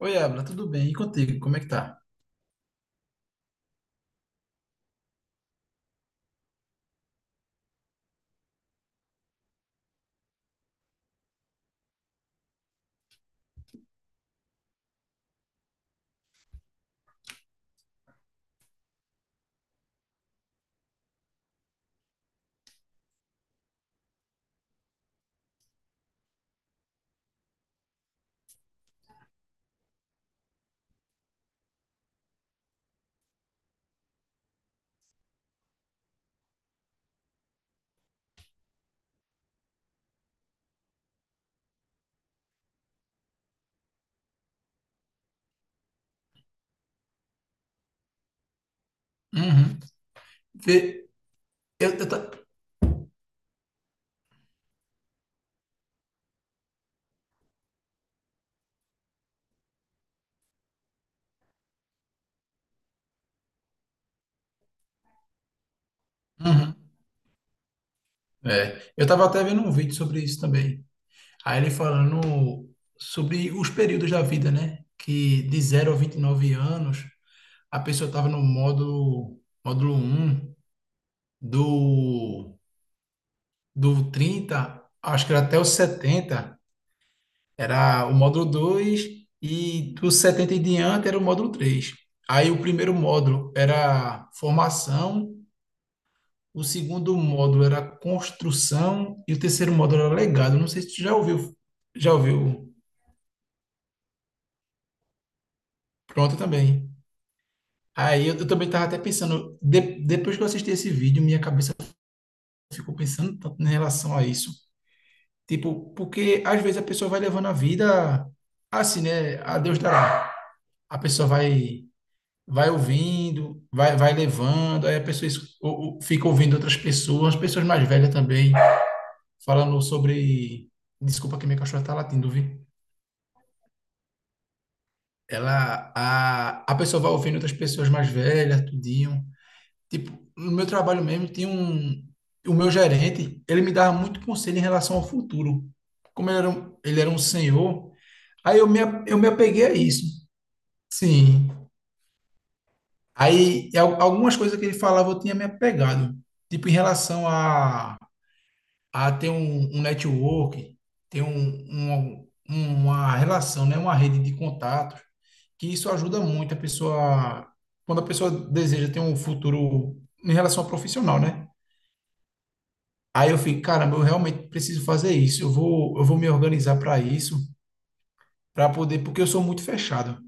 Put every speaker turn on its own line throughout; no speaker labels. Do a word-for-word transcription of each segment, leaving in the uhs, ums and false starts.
Oi, Abra, tudo bem? E contigo, como é que tá? Uhum. Vê, eu, eu, ta- Uhum. É, eu tava até vendo um vídeo sobre isso também. Aí ele falando sobre os períodos da vida, né? Que de zero a vinte e nove anos, a pessoa tava no módulo, módulo um do, do trinta, acho que era até os setenta, era o módulo dois e dos setenta em diante era o módulo três. Aí o primeiro módulo era formação. O segundo módulo era construção e o terceiro módulo era legado. Não sei se tu já ouviu. Já ouviu? Pronto também. Aí eu, eu também estava até pensando, de- depois que eu assisti esse vídeo, minha cabeça ficou pensando tanto em relação a isso. Tipo, porque às vezes a pessoa vai levando a vida assim, né? A Deus dará. A pessoa vai vai ouvindo, vai vai levando, aí a pessoa es- ou- ou fica ouvindo outras pessoas, pessoas mais velhas também, falando sobre... Desculpa que minha cachorra tá latindo, viu? ela a, a pessoa vai ouvindo outras pessoas mais velhas, tudinho. Tipo, no meu trabalho mesmo, tinha um o meu gerente, ele me dava muito conselho em relação ao futuro. Como ele era um, ele era um senhor, aí eu me, a- eu me apeguei a isso. Sim. Aí al- algumas coisas que ele falava eu tinha me apegado, tipo em relação a a ter um, um network, ter um, um- uma relação, né? Uma rede de contatos, que isso ajuda muito a pessoa, quando a pessoa deseja ter um futuro em relação ao profissional, né? Aí eu fico, caramba, eu realmente preciso fazer isso, eu vou, eu vou me organizar para isso, para poder, porque eu sou muito fechado.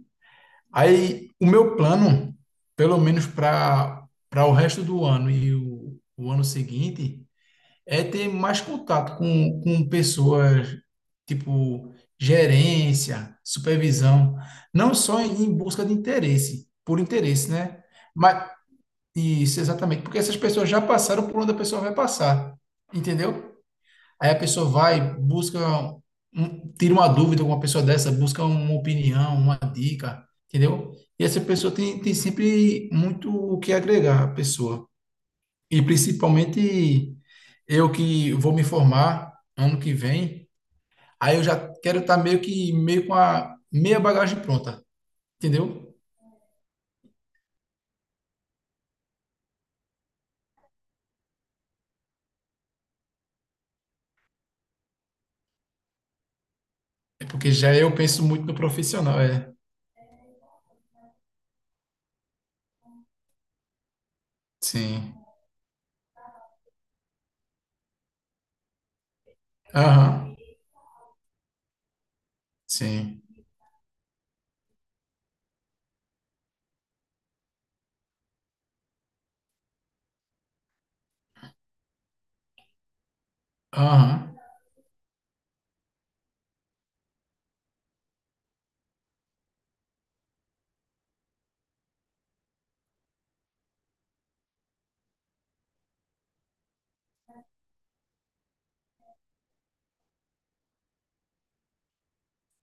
Aí o meu plano, pelo menos para para o resto do ano e o, o ano seguinte, é ter mais contato com, com pessoas, tipo gerência, supervisão, não só em em busca de interesse, por interesse, né? Mas isso, exatamente, porque essas pessoas já passaram por onde a pessoa vai passar, entendeu? Aí a pessoa vai, busca, um- tira uma dúvida com uma pessoa dessa, busca uma opinião, uma dica, entendeu? E essa pessoa tem, tem sempre muito o que agregar à pessoa. E principalmente eu que vou me formar ano que vem, aí eu já quero estar meio que meio com a meia bagagem pronta, entendeu? É porque já eu penso muito no profissional, é. Sim. Aham. Sim. Aham.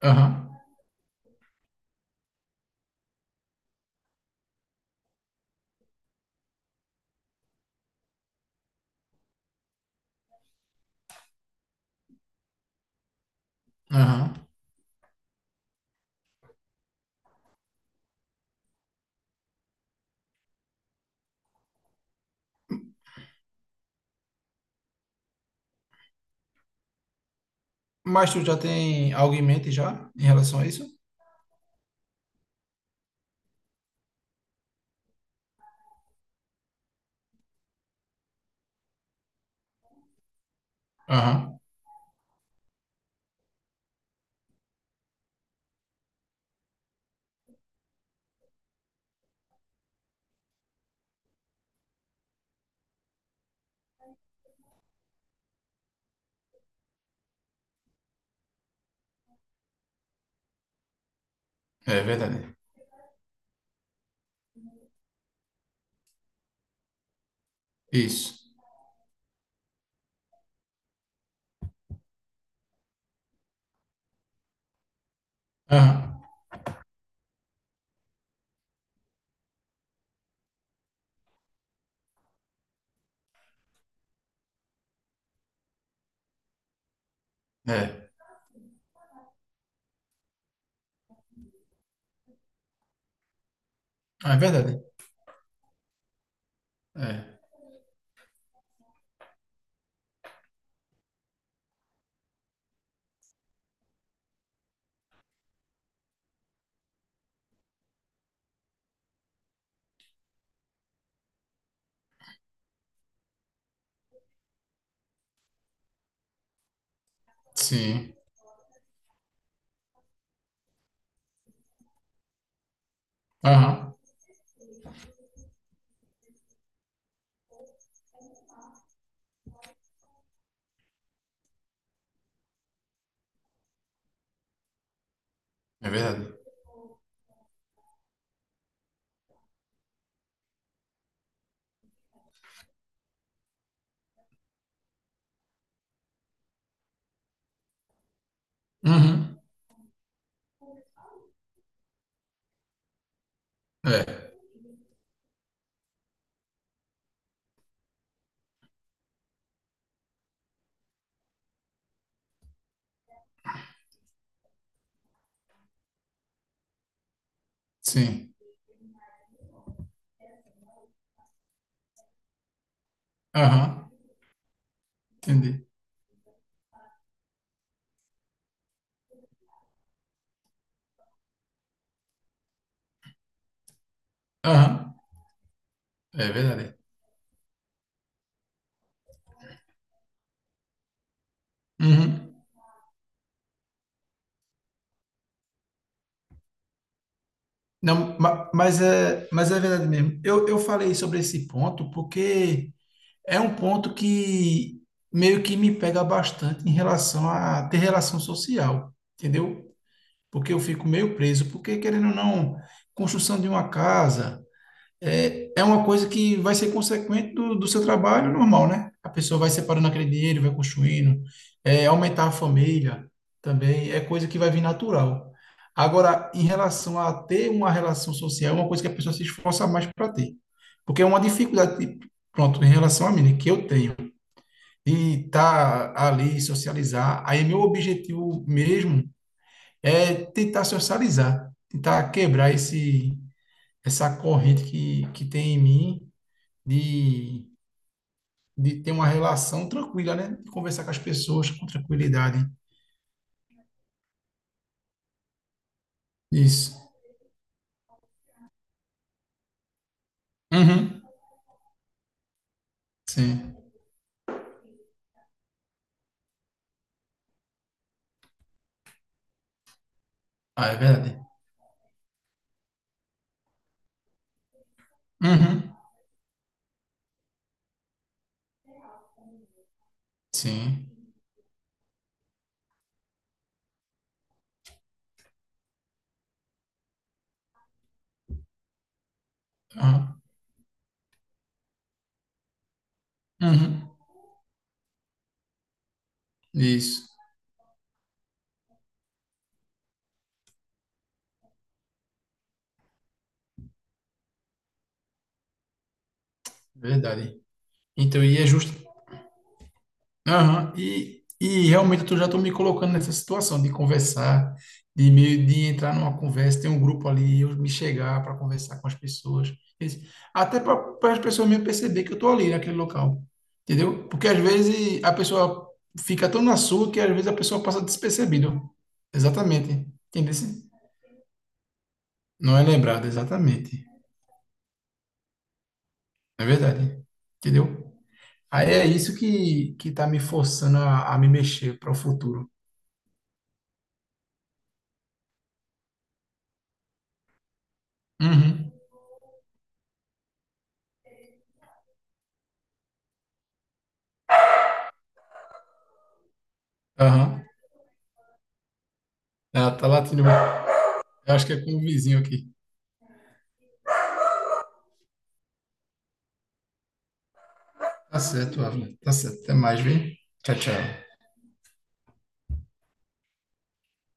Aham. Aham. Mas tu já tem algo em mente já em relação a isso? Aham. É verdade. Isso. Aham. É. É verdade. É. Sim. Aham. É verdade. Uhum. É. Sim. Aham, entendi. Aham, é verdade. Uhum. Não, ma- mas é, mas é verdade mesmo. Eu, eu falei sobre esse ponto porque é um ponto que meio que me pega bastante em relação a ter relação social, entendeu? Porque eu fico meio preso, porque querendo ou não, construção de uma casa. é, é uma coisa que vai ser consequente do, do seu trabalho normal, né? A pessoa vai separando aquele dinheiro, vai construindo, é, aumentar a família também, é coisa que vai vir natural. Agora, em relação a ter uma relação social, é uma coisa que a pessoa se esforça mais para ter. Porque é uma dificuldade, tipo, pronto, em relação a mim, né, que eu tenho, de estar ali, socializar. Aí, meu objetivo mesmo é tentar socializar, tentar quebrar esse, essa corrente que, que tem em mim de, de ter uma relação tranquila, né? De conversar com as pessoas com tranquilidade. Isso. Uhum. Sim. Ah, é verdade. Uhum. Sim. Aham. Uhum. Isso. Verdade. Então, e é justo. Aham. E, e realmente eu já estou me colocando nessa situação de conversar, de meio de entrar numa conversa, tem um grupo ali, eu me chegar para conversar com as pessoas. Esse- Até para as pessoas mesmo perceber que eu estou ali naquele local, entendeu? Porque às vezes a pessoa fica tão na sua que às vezes a pessoa passa despercebido. Exatamente, entendeu? Não é lembrado, exatamente, é verdade, entendeu? Aí é isso que que está me forçando a, a me mexer para o futuro. Uhum. Aham. Ah, tá latindo. Eu acho que é com o vizinho aqui. Tá certo, Avner. Tá certo. Até mais, viu? Tchau, tchau.